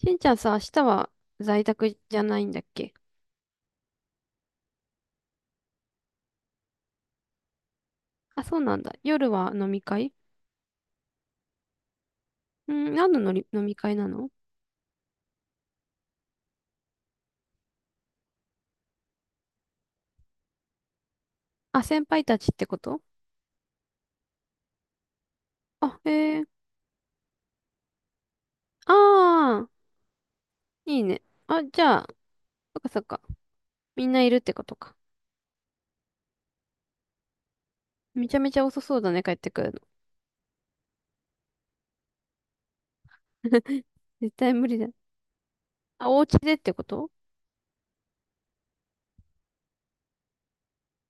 しんちゃんさ、明日は在宅じゃないんだっけ？あ、そうなんだ。夜は飲み会？うん、何ののり飲み会なの？あ、先輩たちってこと？あ、へえ。ああ、いいね。あ、じゃあ、そっかそっか。みんないるってことか。めちゃめちゃ遅そうだね、帰ってくるの。絶対無理だ。あ、お家でってこと？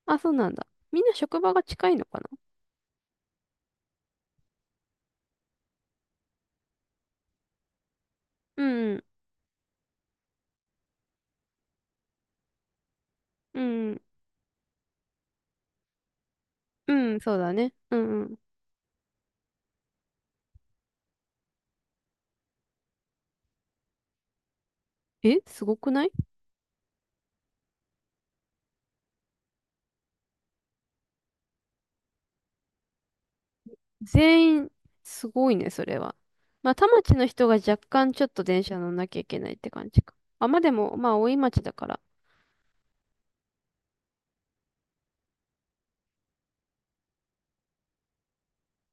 あ、そうなんだ。みんな職場が近いのかな？うん、うん、うん、うんそうだね。うん、うん。え、すごくない？全員、すごいね、それは。まあ、田町の人が若干ちょっと電車乗んなきゃいけないって感じか。あ、まあでも、まあ、大井町だから。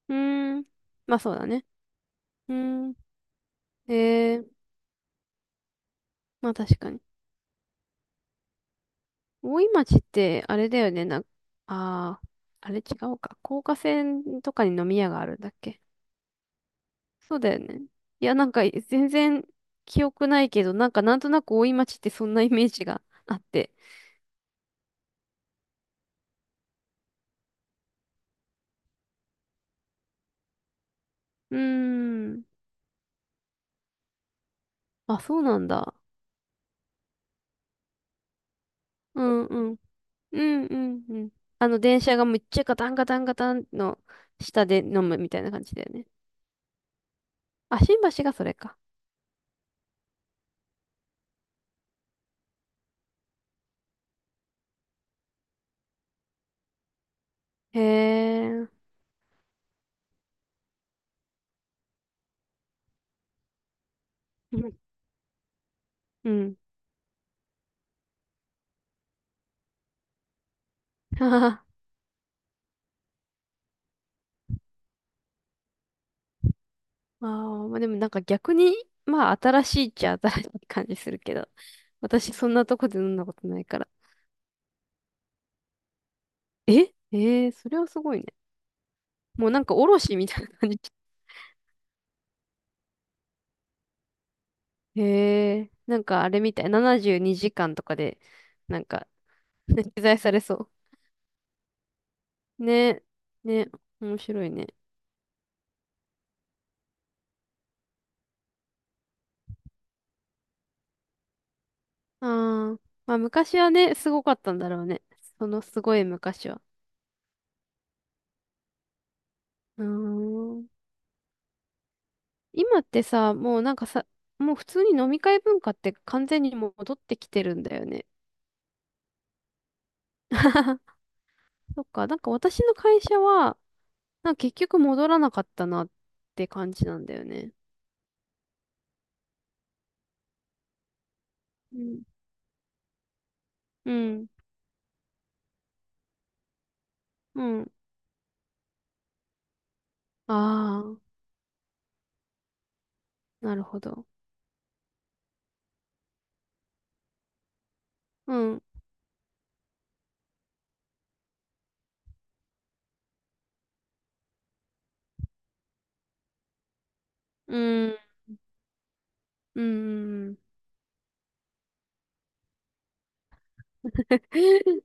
うーん。まあそうだね。うーん。ええ。まあ確かに。大井町って、あれだよね、ああ、あれ違うか。高架線とかに飲み屋があるんだっけ？そうだよね。いや、なんか、全然記憶ないけど、なんか、なんとなく大井町ってそんなイメージがあって。うーん。あ、そうなんだ。うんうん。うんうんうん。電車がめっちゃガタンガタンガタンの下で飲むみたいな感じだよね。あ、新橋がそれか。へえ。うん。うん。ははは。ああ、まあでもなんか逆に、まあ新しいっちゃ新しい感じするけど、私そんなとこで飲んだことないから。ええー、それはすごいね。もうなんかおろしみたいな感じ。へえ。なんかあれみたい。72時間とかで、なんか、ね、取材されそう。ね。ね。面白いね。ああ、まあ昔はね、すごかったんだろうね。そのすごい昔は。うーん。今ってさ、もうなんかさ、もう普通に飲み会文化って完全に戻ってきてるんだよね。そっか、なんか私の会社は、なんか結局戻らなかったなって感じなんだよね。うん。うん。うん。ああ、なるほど。うん。うん。うん。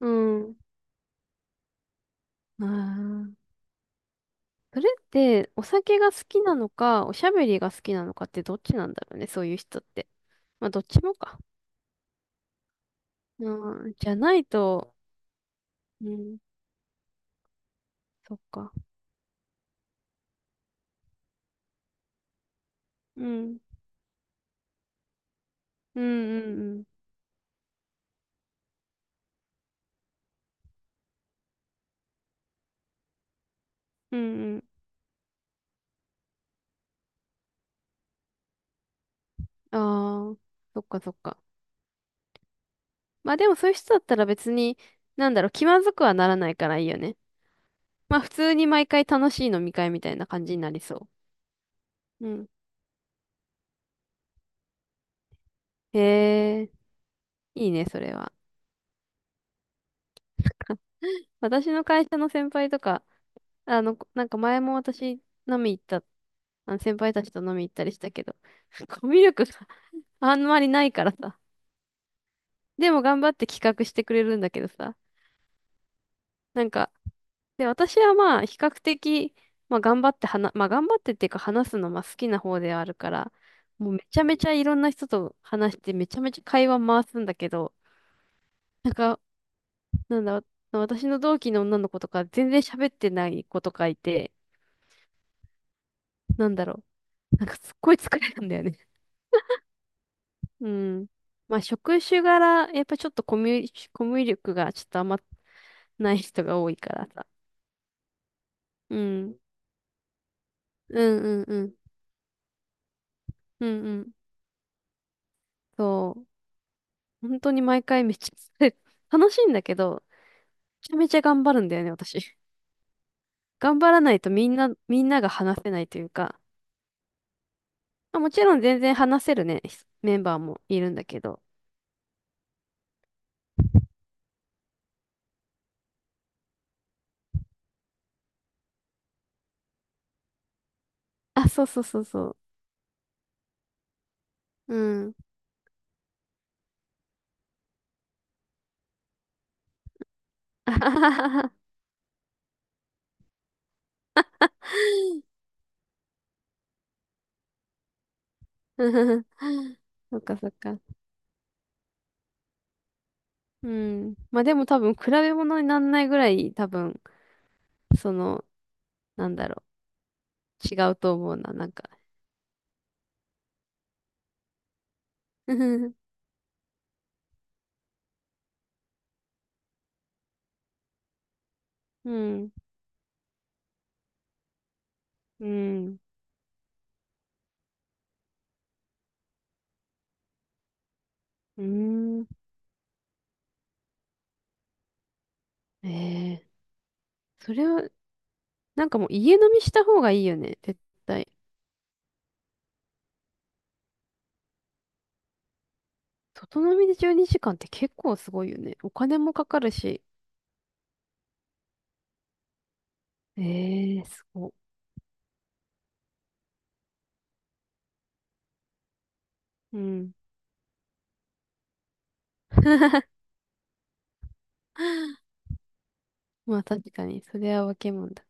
うん。ああ。それってお酒が好きなのか、おしゃべりが好きなのかってどっちなんだろうね、そういう人って。まあ、どっちもか。うん、じゃないと、うん、そっか。うん、うん、うん、うん、うんうん。ああ、そっかそっか。まあでもそういう人だったら別に、なんだろう、気まずくはならないからいいよね。まあ普通に毎回楽しい飲み会みたいな感じになりそう。うん。へえ、いいね、それは。私の会社の先輩とか、なんか前も私飲み行った、あの先輩たちと飲み行ったりしたけど、コミュ力が あんまりないからさ。でも頑張って企画してくれるんだけどさ。なんか、で、私はまあ比較的、まあ頑張って話、まあ頑張ってっていうか話すのまあ好きな方ではあるから、もうめちゃめちゃいろんな人と話してめちゃめちゃ会話回すんだけど、なんか、なんだ、私の同期の女の子とか全然喋ってない子とかいて、なんだろう。なんかすっごい疲れるんだよね。うん。まあ、職種柄、やっぱちょっとコミュ力がちょっとあんまない人が多いからさ。うん。うんうんうん。うんうん。そう。本当に毎回めっちゃ疲れる、楽しいんだけど、めちゃめちゃ頑張るんだよね、私。頑張らないとみんな、みんなが話せないというか、まあ、もちろん全然話せるね、ひメンバーもいるんだけど。あ、そうそうそうそう。うん。あはははは。うん。そっかそっか。うん。まあでも多分比べ物にならないぐらい多分その、なんだろう、違うと思うな、なんか。うん、うん、うん。ええ。それは、なんかもう家飲みした方がいいよね、絶対。外飲みで12時間って結構すごいよね。お金もかかるし。ええすごい。うん。まあ確かに、それは分けもんだ。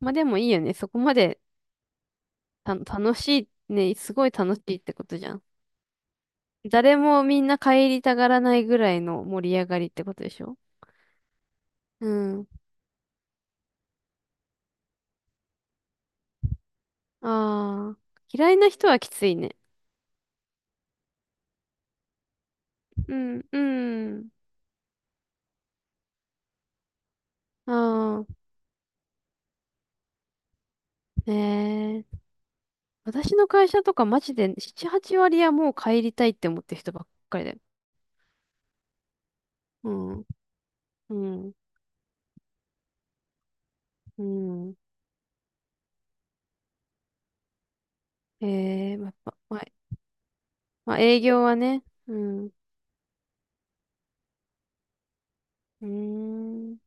まあでもいいよね、そこまで楽しい、ね、すごい楽しいってことじゃん。誰もみんな帰りたがらないぐらいの盛り上がりってことでしょう？ああ、嫌いな人はきついね。うん、うん。ああ、ねえ。私の会社とかマジで7、8割はもう帰りたいって思ってる人ばっかりだよ。うん、うん、うん。ええ、まあ、営業はね。うん、うーん、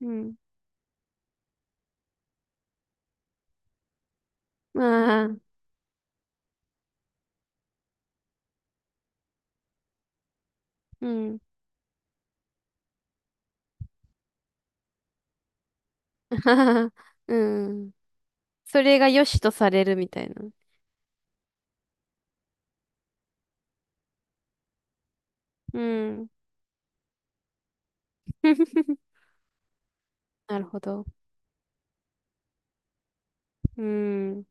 うん。まあ、うん。うん。それが良しとされるみたいな。うん。なるほど。うん。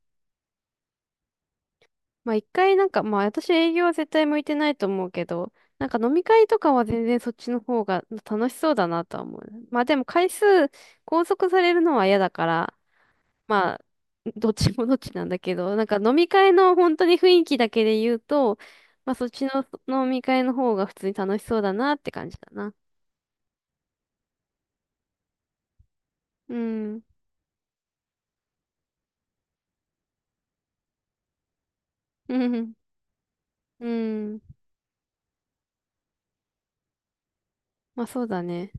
まあ一回なんか、まあ私営業は絶対向いてないと思うけど、なんか飲み会とかは全然そっちの方が楽しそうだなとは思う。まあでも回数拘束されるのは嫌だから、まあどっちもどっちなんだけど、なんか飲み会の本当に雰囲気だけで言うと、まあそっちの飲み会の方が普通に楽しそうだなって感じだな。うん。うん。うん。まあそうだね。